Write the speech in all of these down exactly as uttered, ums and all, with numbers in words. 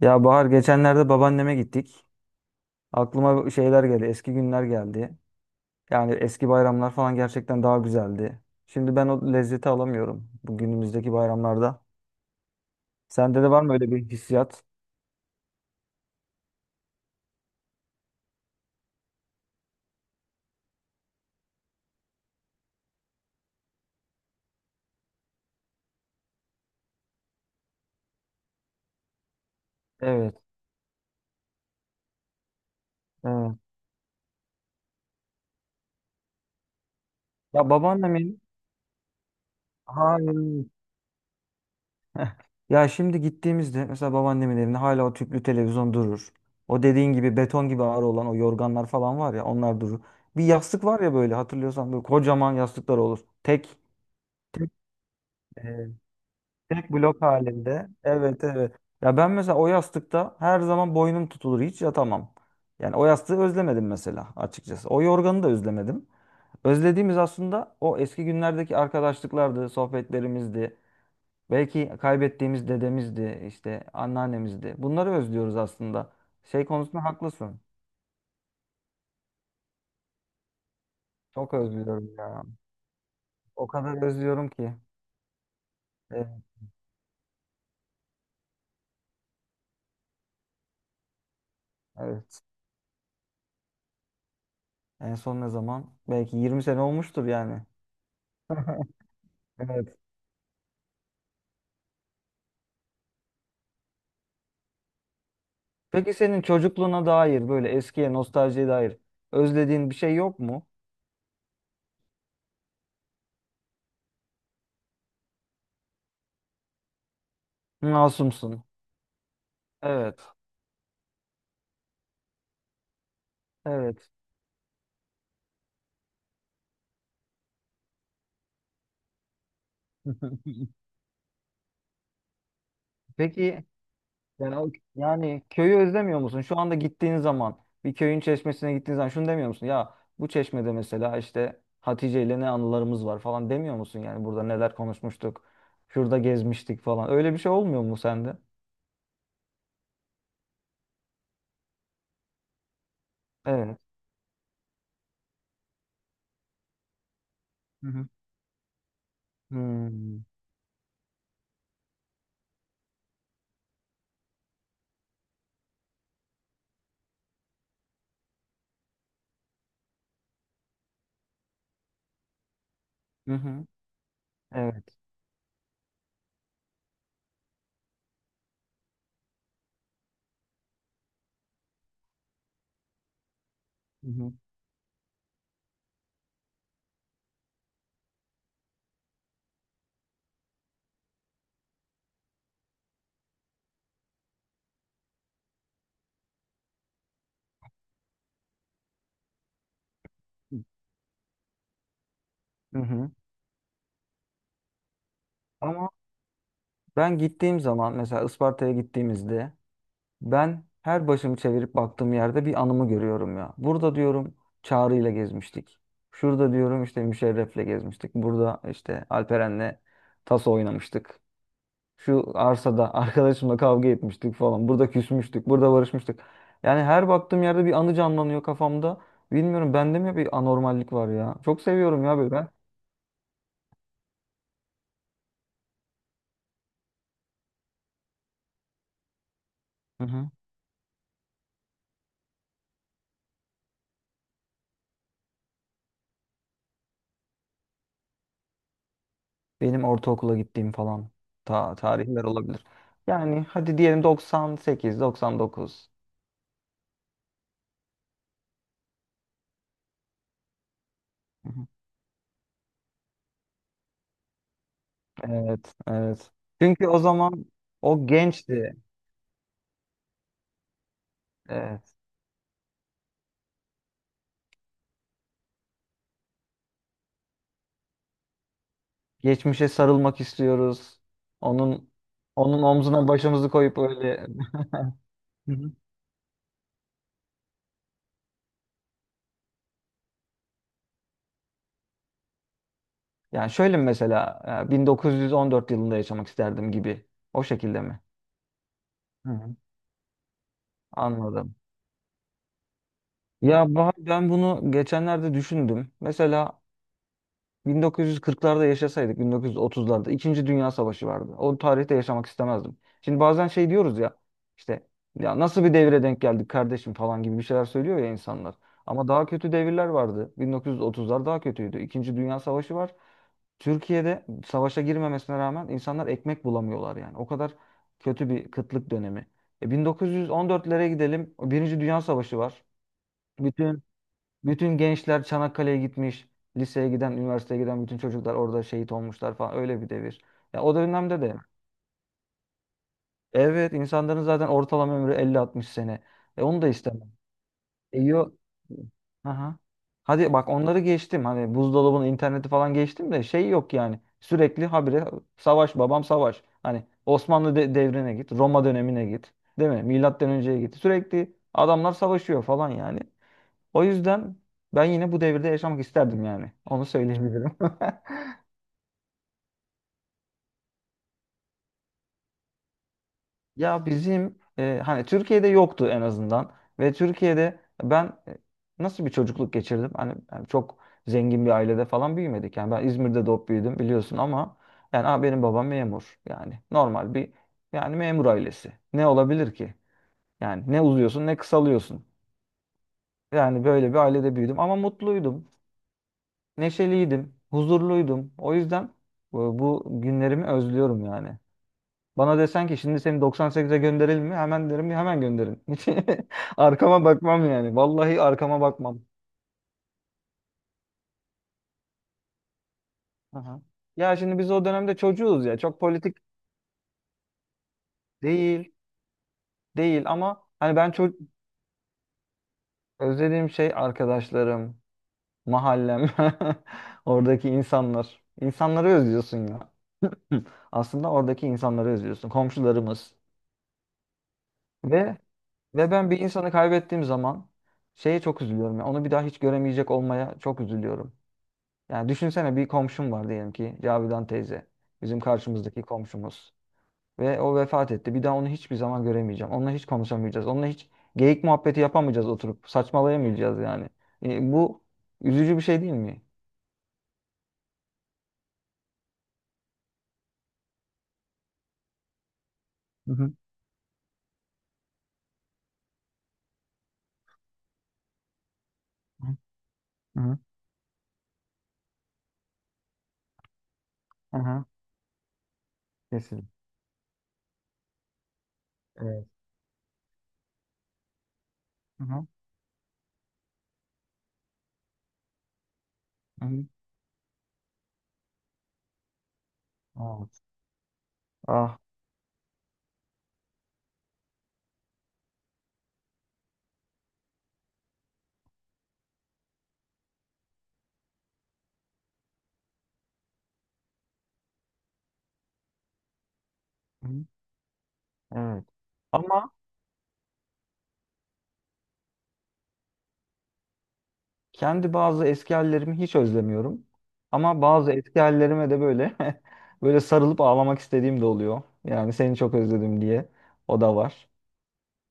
Ya Bahar geçenlerde babaanneme gittik. Aklıma şeyler geldi, eski günler geldi. Yani eski bayramlar falan gerçekten daha güzeldi. Şimdi ben o lezzeti alamıyorum bu günümüzdeki bayramlarda. Sende de var mı öyle bir hissiyat? Evet, evet. Ya babaannemin hayır. Ya şimdi gittiğimizde mesela babaannemin evinde hala o tüplü televizyon durur. O dediğin gibi beton gibi ağır olan o yorganlar falan var ya onlar durur. Bir yastık var ya böyle hatırlıyorsan böyle kocaman yastıklar olur. Tek. Tek blok halinde. Evet, evet. Ya ben mesela o yastıkta her zaman boynum tutulur. Hiç yatamam. Yani o yastığı özlemedim mesela açıkçası. O yorganı da özlemedim. Özlediğimiz aslında o eski günlerdeki arkadaşlıklardı, sohbetlerimizdi. Belki kaybettiğimiz dedemizdi, işte anneannemizdi. Bunları özlüyoruz aslında. Şey konusunda haklısın. Çok özlüyorum ya. O kadar özlüyorum ki. Evet. Evet. En son ne zaman? Belki yirmi sene olmuştur yani. Evet. Peki senin çocukluğuna dair böyle eskiye nostaljiye dair özlediğin bir şey yok mu? Masumsun. Evet. Evet. Peki yani, o- yani köyü özlemiyor musun? Şu anda gittiğin zaman bir köyün çeşmesine gittiğin zaman şunu demiyor musun? Ya bu çeşmede mesela işte Hatice ile ne anılarımız var falan demiyor musun? Yani burada neler konuşmuştuk, şurada gezmiştik falan. Öyle bir şey olmuyor mu sende? Evet. Hı hı. Hmm. Hı hı. Evet. Hı hı. Hı hı. Ama ben gittiğim zaman mesela Isparta'ya gittiğimizde ben her başımı çevirip baktığım yerde bir anımı görüyorum ya. Burada diyorum Çağrı ile gezmiştik. Şurada diyorum işte Müşerref'le gezmiştik. Burada işte Alperen'le taso oynamıştık. Şu arsada arkadaşımla kavga etmiştik falan. Burada küsmüştük. Burada barışmıştık. Yani her baktığım yerde bir anı canlanıyor kafamda. Bilmiyorum bende mi bir anormallik var ya. Çok seviyorum ya böyle ben. Hı hı. Benim ortaokula gittiğim falan ta tarihler olabilir. Yani hadi diyelim doksan sekiz, doksan dokuz. Hı hı. Evet, evet. Çünkü o zaman o gençti. Evet. Geçmişe sarılmak istiyoruz. Onun onun omzuna başımızı koyup öyle. Hı hı. Yani şöyle mi mesela e, bin dokuz yüz on dört yılında yaşamak isterdim gibi. O şekilde mi? Hı hı. Anladım. Ya Bahar, ben bunu geçenlerde düşündüm. Mesela bin dokuz yüz kırklarda yaşasaydık, bin dokuz yüz otuzlarda İkinci Dünya Savaşı vardı. O tarihte yaşamak istemezdim. Şimdi bazen şey diyoruz ya işte ya nasıl bir devire denk geldik kardeşim falan gibi bir şeyler söylüyor ya insanlar. Ama daha kötü devirler vardı. bin dokuz yüz otuzlar daha kötüydü. İkinci Dünya Savaşı var. Türkiye'de savaşa girmemesine rağmen insanlar ekmek bulamıyorlar yani. O kadar kötü bir kıtlık dönemi. E bin dokuz yüz on dörtlere gidelim. Birinci Dünya Savaşı var. Bütün bütün gençler Çanakkale'ye gitmiş. Liseye giden, üniversiteye giden bütün çocuklar orada şehit olmuşlar falan. Öyle bir devir. Ya o dönemde de evet insanların zaten ortalama ömrü elli altmış sene. E onu da istemem. E yo... Aha. Hadi bak onları geçtim. Hani buzdolabının interneti falan geçtim de şey yok yani. Sürekli habire savaş babam savaş. Hani Osmanlı de- devrine git, Roma dönemine git. Değil mi? Milattan önceye git. Sürekli adamlar savaşıyor falan yani. O yüzden ben yine bu devirde yaşamak isterdim yani. Onu söyleyebilirim. Ya bizim e, hani Türkiye'de yoktu en azından ve Türkiye'de ben e, nasıl bir çocukluk geçirdim? Hani yani çok zengin bir ailede falan büyümedik. Yani ben İzmir'de doğup büyüdüm biliyorsun ama yani "Aa, benim babam memur. Yani normal bir yani memur ailesi. Ne olabilir ki? Yani ne uzuyorsun ne kısalıyorsun. Yani böyle bir ailede büyüdüm ama mutluydum, Neşeliydim, huzurluydum. O yüzden e, bu günlerimi özlüyorum yani. Bana desen ki şimdi seni doksan sekize gönderelim mi? Hemen derim ya hemen gönderin. Hiç arkama bakmam yani. Vallahi arkama bakmam. Aha. Ya şimdi biz o dönemde çocuğuz ya. Çok politik değil, değil ama hani ben çok özlediğim şey arkadaşlarım, mahallem, oradaki insanlar. İnsanları özlüyorsun ya. Aslında oradaki insanları özlüyorsun. Komşularımız. Ve Ve ben bir insanı kaybettiğim zaman şeye çok üzülüyorum. Ya, onu bir daha hiç göremeyecek olmaya çok üzülüyorum. Yani düşünsene bir komşum var diyelim ki Cavidan teyze. Bizim karşımızdaki komşumuz. Ve o vefat etti. Bir daha onu hiçbir zaman göremeyeceğim. Onunla hiç konuşamayacağız. Onunla hiç geyik muhabbeti yapamayacağız oturup. Saçmalayamayacağız yani. E, bu üzücü bir şey değil mi? Hı hı. Hı hı. Hı hı. Kesin. Evet. Hı hı. Hı hı. Evet. Ah. Hı hı. Evet. Ama kendi bazı eski hallerimi hiç özlemiyorum. Ama bazı eski hallerime de böyle böyle sarılıp ağlamak istediğim de oluyor. Yani seni çok özledim diye. O da var.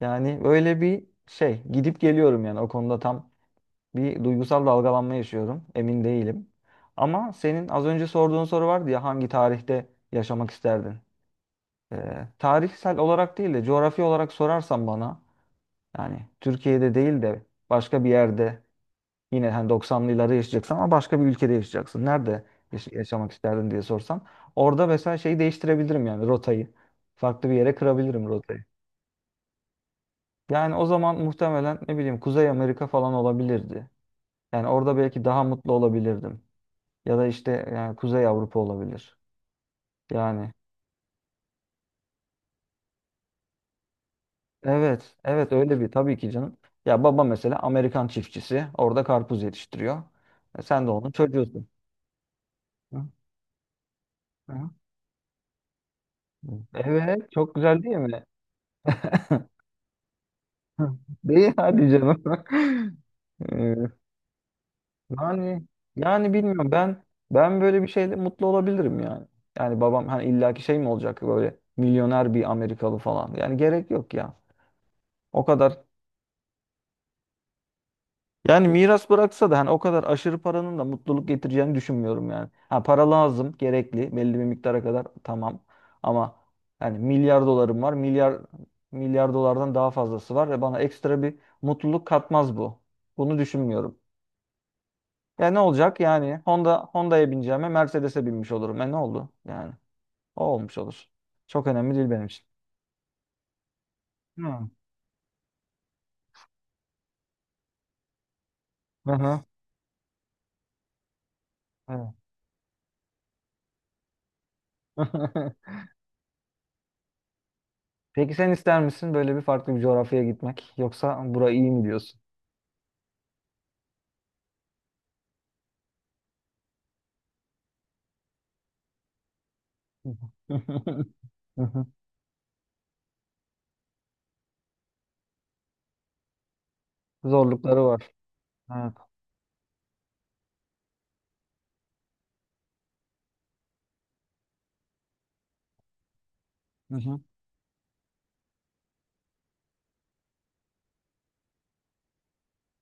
Yani böyle bir şey gidip geliyorum yani o konuda tam bir duygusal dalgalanma yaşıyorum. Emin değilim. Ama senin az önce sorduğun soru vardı ya hangi tarihte yaşamak isterdin? Ee, tarihsel olarak değil de coğrafi olarak sorarsan bana yani Türkiye'de değil de başka bir yerde. Yine hani doksanlı yıllarda yaşayacaksın ama başka bir ülkede yaşayacaksın. Nerede yaş- yaşamak isterdin diye sorsam. Orada mesela şeyi değiştirebilirim yani rotayı. Farklı bir yere kırabilirim rotayı. Yani o zaman muhtemelen ne bileyim Kuzey Amerika falan olabilirdi. Yani orada belki daha mutlu olabilirdim. Ya da işte yani Kuzey Avrupa olabilir. Yani evet, evet öyle bir tabii ki canım. Ya baba mesela Amerikan çiftçisi orada karpuz yetiştiriyor. E sen de onun çocuğusun. Hı, hı. Evet, çok güzel değil mi? Hı. Değil hadi canım. Ee, yani yani bilmiyorum ben ben böyle bir şeyle mutlu olabilirim yani. Yani babam hani illaki şey mi olacak böyle milyoner bir Amerikalı falan. Yani gerek yok ya. O kadar yani miras bıraksa da hani o kadar aşırı paranın da mutluluk getireceğini düşünmüyorum yani. Ha para lazım, gerekli belli bir miktara kadar tamam. Ama yani milyar dolarım var. Milyar milyar dolardan daha fazlası var ve bana ekstra bir mutluluk katmaz bu. Bunu düşünmüyorum. Ya ne olacak yani? Honda Honda'ya bineceğime Mercedes'e binmiş olurum. E ne oldu? Yani o olmuş olur. Çok önemli değil benim için. Hmm. Hı hı. Evet. Peki sen ister misin böyle bir farklı bir coğrafyaya gitmek? Yoksa burayı iyi mi diyorsun? Hı hı. Hı hı. Zorlukları var. Evet. Hı hı.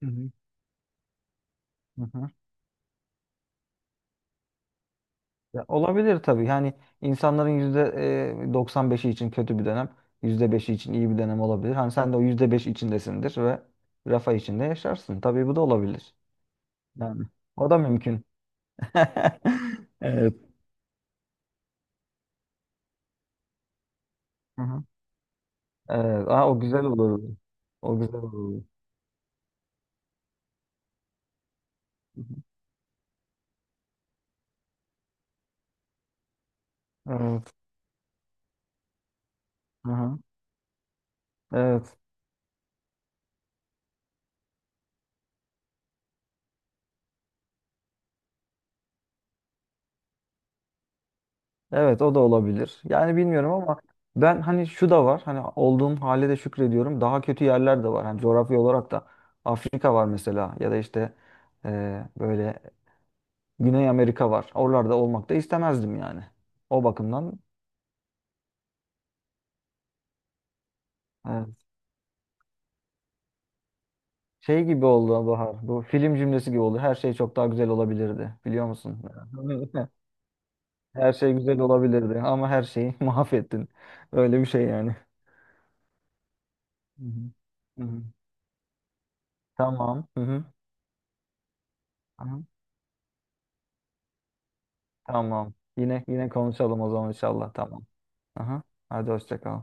Hı hı. Hı hı. Ya olabilir tabii. Yani insanların yüzde e, doksan beşi için kötü bir dönem, yüzde beşi için iyi bir dönem olabilir. Hani sen de o yüzde beş içindesindir ve rafa içinde yaşarsın. Tabii bu da olabilir. Yani o da mümkün. Evet. Hı hı. Evet. Aa, o güzel olur. O güzel olur. Hı hı. Evet. Hı hı. Evet. Evet o da olabilir. Yani bilmiyorum ama ben hani şu da var. Hani olduğum hale de şükrediyorum. Daha kötü yerler de var. Hani coğrafya olarak da Afrika var mesela ya da işte e, böyle Güney Amerika var. Oralarda olmak da istemezdim yani. O bakımdan evet. Şey gibi oldu Bahar. Bu film cümlesi gibi oldu. Her şey çok daha güzel olabilirdi. Biliyor musun? Her şey güzel olabilirdi ama her şeyi mahvettin. Öyle bir şey yani. Hı hı. Hı hı. Tamam. Hı hı. Aha. Tamam. Yine yine konuşalım o zaman inşallah. Tamam. Aha. Hadi hoşça kal.